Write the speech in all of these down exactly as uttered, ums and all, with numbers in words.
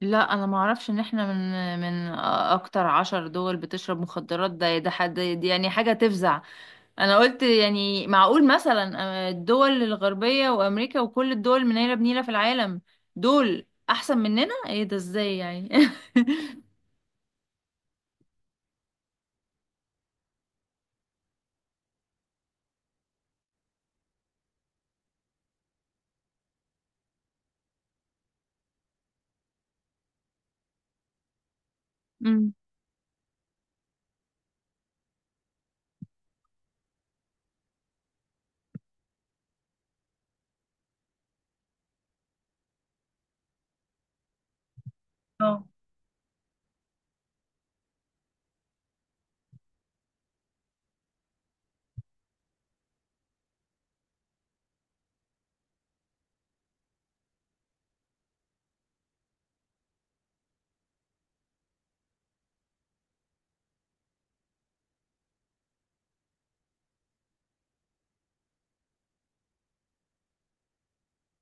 لا، انا ما اعرفش ان احنا من من اكتر عشر دول بتشرب مخدرات. ده ده حد دي، يعني حاجه تفزع. انا قلت يعني معقول مثلا؟ آه، الدول الغربيه وامريكا وكل الدول منيله بنيله في العالم، دول احسن مننا؟ ايه ده؟ ازاي يعني؟ امم. اه.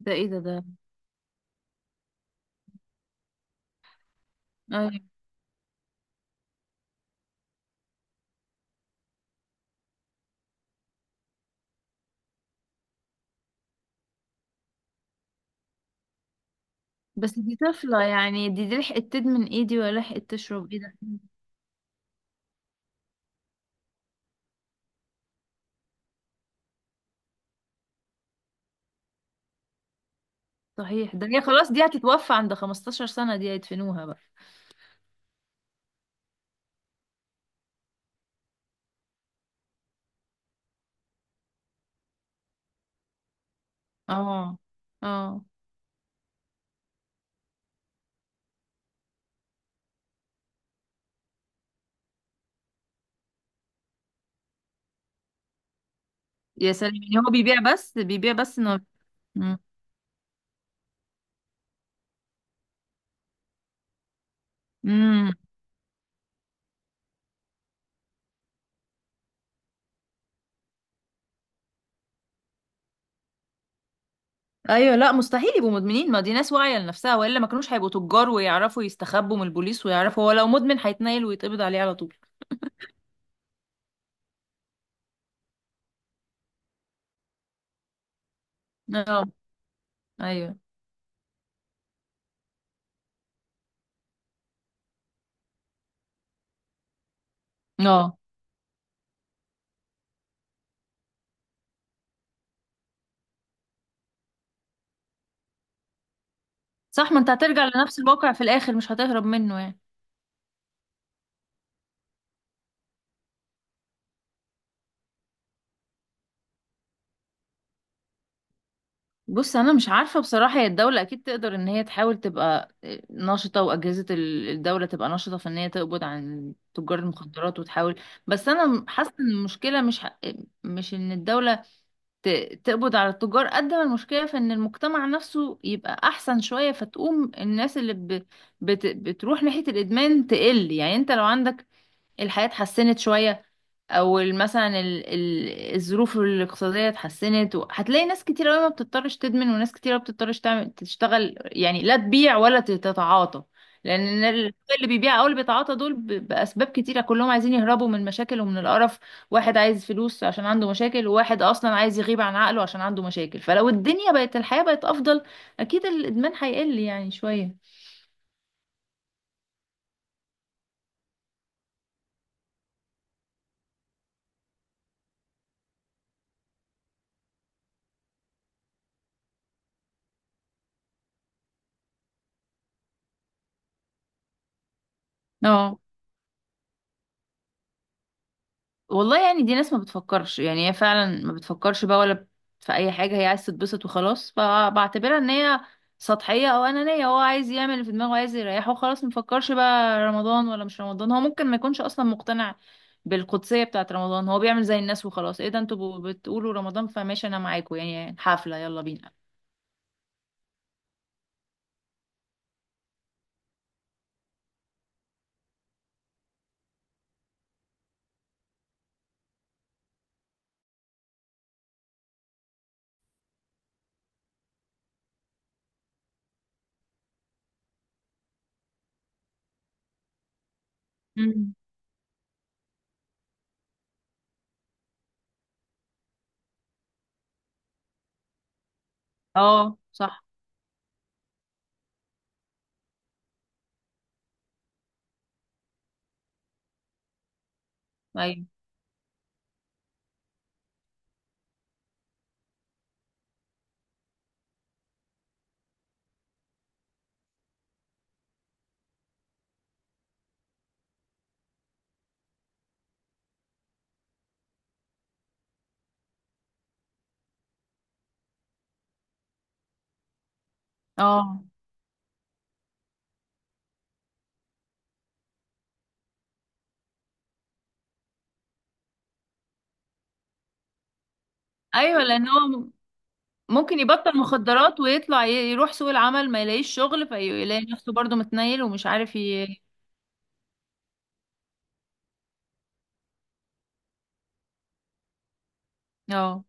ده ايه ده ده أيوة. بس دي طفله، يعني دي دي لحقت تدمن ايه دي؟ ولا لحقت تشرب ايه ده؟ صحيح، ده هي خلاص دي هتتوفى عند خمستاشر سنة سنه، دي هيدفنوها بقى. اه. اه. يا سلام، يعني هو بيبيع بس، بيبيع بس انه امم ايوه، لا، مستحيل يبقوا مدمنين، ما دي ناس واعيه لنفسها، والا ما كانوش هيبقوا تجار ويعرفوا يستخبوا من البوليس، ويعرفوا هو لو مدمن هيتنيل ويتقبض عليه على طول. اه. ايوه. اه صح، ما انت هترجع لنفس الواقع في الاخر، مش هتهرب منه يعني. بص، انا مش عارفه بصراحه، هي الدوله اكيد تقدر ان هي تحاول تبقى نشطه، واجهزه ال- الدوله تبقى نشطه في ان هي تقبض عن تجار المخدرات وتحاول. بس انا حاسه ان المشكله مش ه- مش ان الدوله ت- تقبض على التجار، قد ما المشكلة في ان المجتمع نفسه يبقى احسن شوية، فتقوم الناس اللي ب... بت... بتروح ناحية الادمان تقل. يعني انت لو عندك الحياة اتحسنت شوية، او ال- مثلا ال- ال- الظروف الاقتصادية اتحسنت، و- هتلاقي ناس كتير قوي ما بتضطرش تدمن، وناس كتير ما بتضطرش تعمل، تشتغل يعني، لا تبيع ولا ت- تتعاطى. لان ال- اللي بيبيع او اللي بيتعاطى دول ب- باسباب كتيرة، كلهم عايزين يهربوا من مشاكل ومن القرف. واحد عايز فلوس عشان عنده مشاكل، وواحد اصلا عايز يغيب عن عقله عشان عنده مشاكل، فلو الدنيا بقت، الحياة بقت افضل، اكيد الادمان هيقل يعني شوية. اه. والله يعني دي ناس ما بتفكرش، يعني هي فعلا ما بتفكرش بقى ولا بت- في اي حاجه، هي عايز تتبسط وخلاص. فبعتبرها ان هي سطحيه او انانيه، هو عايز يعمل اللي في دماغه، عايز يريحه وخلاص، ما بيفكرش بقى رمضان ولا مش رمضان. هو ممكن ما يكونش اصلا مقتنع بالقدسيه بتاعه رمضان، هو بيعمل زي الناس وخلاص. ايه ده، انتوا ب- بتقولوا رمضان؟ فماشي، انا معاكم، يعني حفله، يلا بينا. مم. اه صح. ايوه. اه. ايوه، لان هو ممكن يبطل مخدرات ويطلع ي- يروح سوق العمل، ما يلاقيش شغل، فيلاقي نفسه برضه متنيل ومش عارف ي... اه.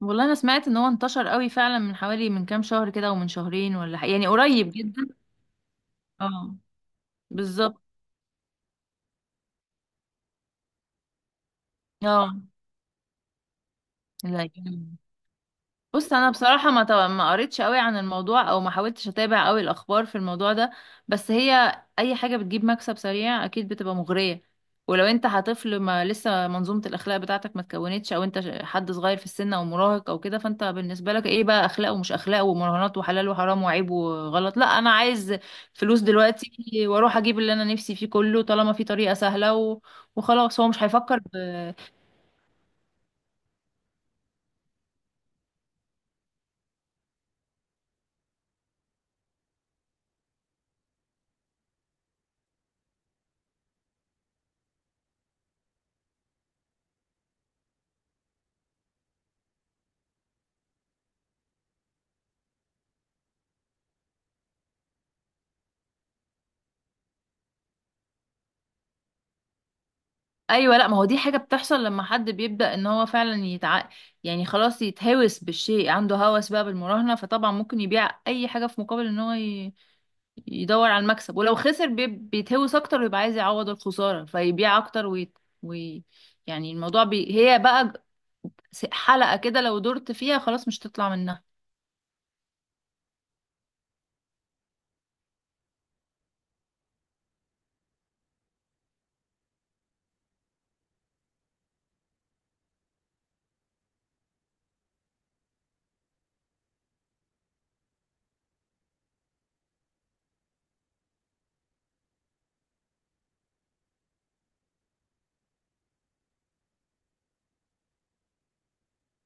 والله انا سمعت ان هو انتشر قوي فعلا من حوالي، من كام شهر كده ومن شهرين، ولا ح- يعني قريب جدا. اه. بالظبط. اه. لا، بص، انا بصراحه ما تو- ما قريتش قوي عن الموضوع، او ما حاولتش اتابع قوي الاخبار في الموضوع ده. بس هي اي حاجه بتجيب مكسب سريع اكيد بتبقى مغريه. ولو انت هطفل، ما لسه منظومه الاخلاق بتاعتك ما اتكونتش، او انت ش- حد صغير في السن، او مراهق او كده، فانت بالنسبه لك ايه بقى اخلاق ومش اخلاق، ومراهنات وحلال وحرام وعيب وغلط. لا، انا عايز فلوس دلوقتي، واروح اجيب اللي انا نفسي فيه كله، طالما في طريقه سهله و... وخلاص. هو مش هيفكر. ايوه. لا، ما هو دي حاجه بتحصل لما حد بيبدا ان هو فعلا يتع... يعني خلاص يتهوس بالشيء، عنده هوس بقى بالمراهنه، فطبعا ممكن يبيع اي حاجه في مقابل ان هو ي... يدور على المكسب. ولو خسر بي... بيتهوس اكتر، ويبقى عايز يعوض الخساره فيبيع اكتر وي... وي... يعني الموضوع بي... هي بقى ج- حلقه كده، لو درت فيها خلاص مش تطلع منها.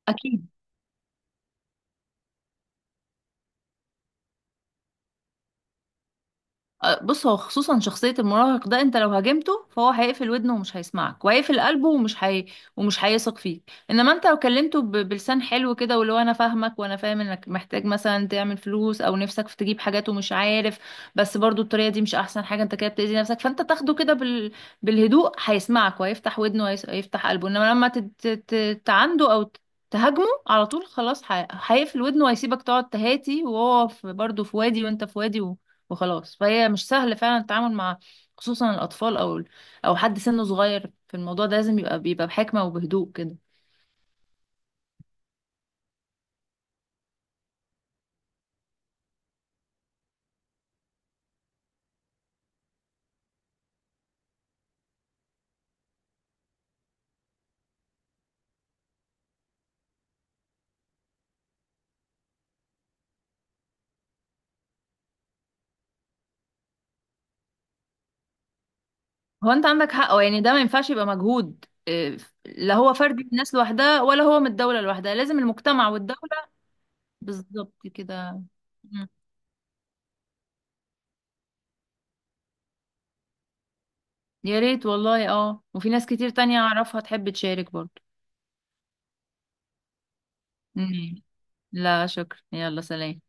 اكيد. آه، بص، هو خصوصا شخصية المراهق ده، انت لو هاجمته فهو هيقفل ودنه ومش هيسمعك، وهيقفل قلبه ومش هي... ومش هيثق فيك. انما انت لو كلمته ب... بلسان حلو كده، واللي هو انا فاهمك، وانا فاهم انك محتاج مثلا تعمل فلوس، او نفسك في تجيب حاجات ومش عارف، بس برضو الطريقة دي مش احسن حاجة، انت كده بتأذي نفسك، فانت تاخده كده بال... بالهدوء، هيسمعك وهيفتح ودنه وهيس- وهيفتح قلبه. انما لما تت... تت... تعنده او تهاجمه على طول، خلاص ح- هيقفل ودنه، وهيسيبك تقعد تهاتي، وهو في برضه في وادي وانت في وادي وخلاص. فهي مش سهل فعلا التعامل مع، خصوصا الأطفال، أو أو حد سنه صغير، في الموضوع ده لازم يبقى، بيبقى بحكمة وبهدوء كده. هو أنت عندك حق، أو يعني ده ما ينفعش يبقى مجهود آه، لا، هو فردي الناس لوحدها، ولا هو من الدولة لوحدها، لازم المجتمع والدولة. بالظبط كده. مم. يا ريت والله، اه، وفي ناس كتير تانية أعرفها تحب تشارك برضه. مم. لا شكرا، يلا سلام.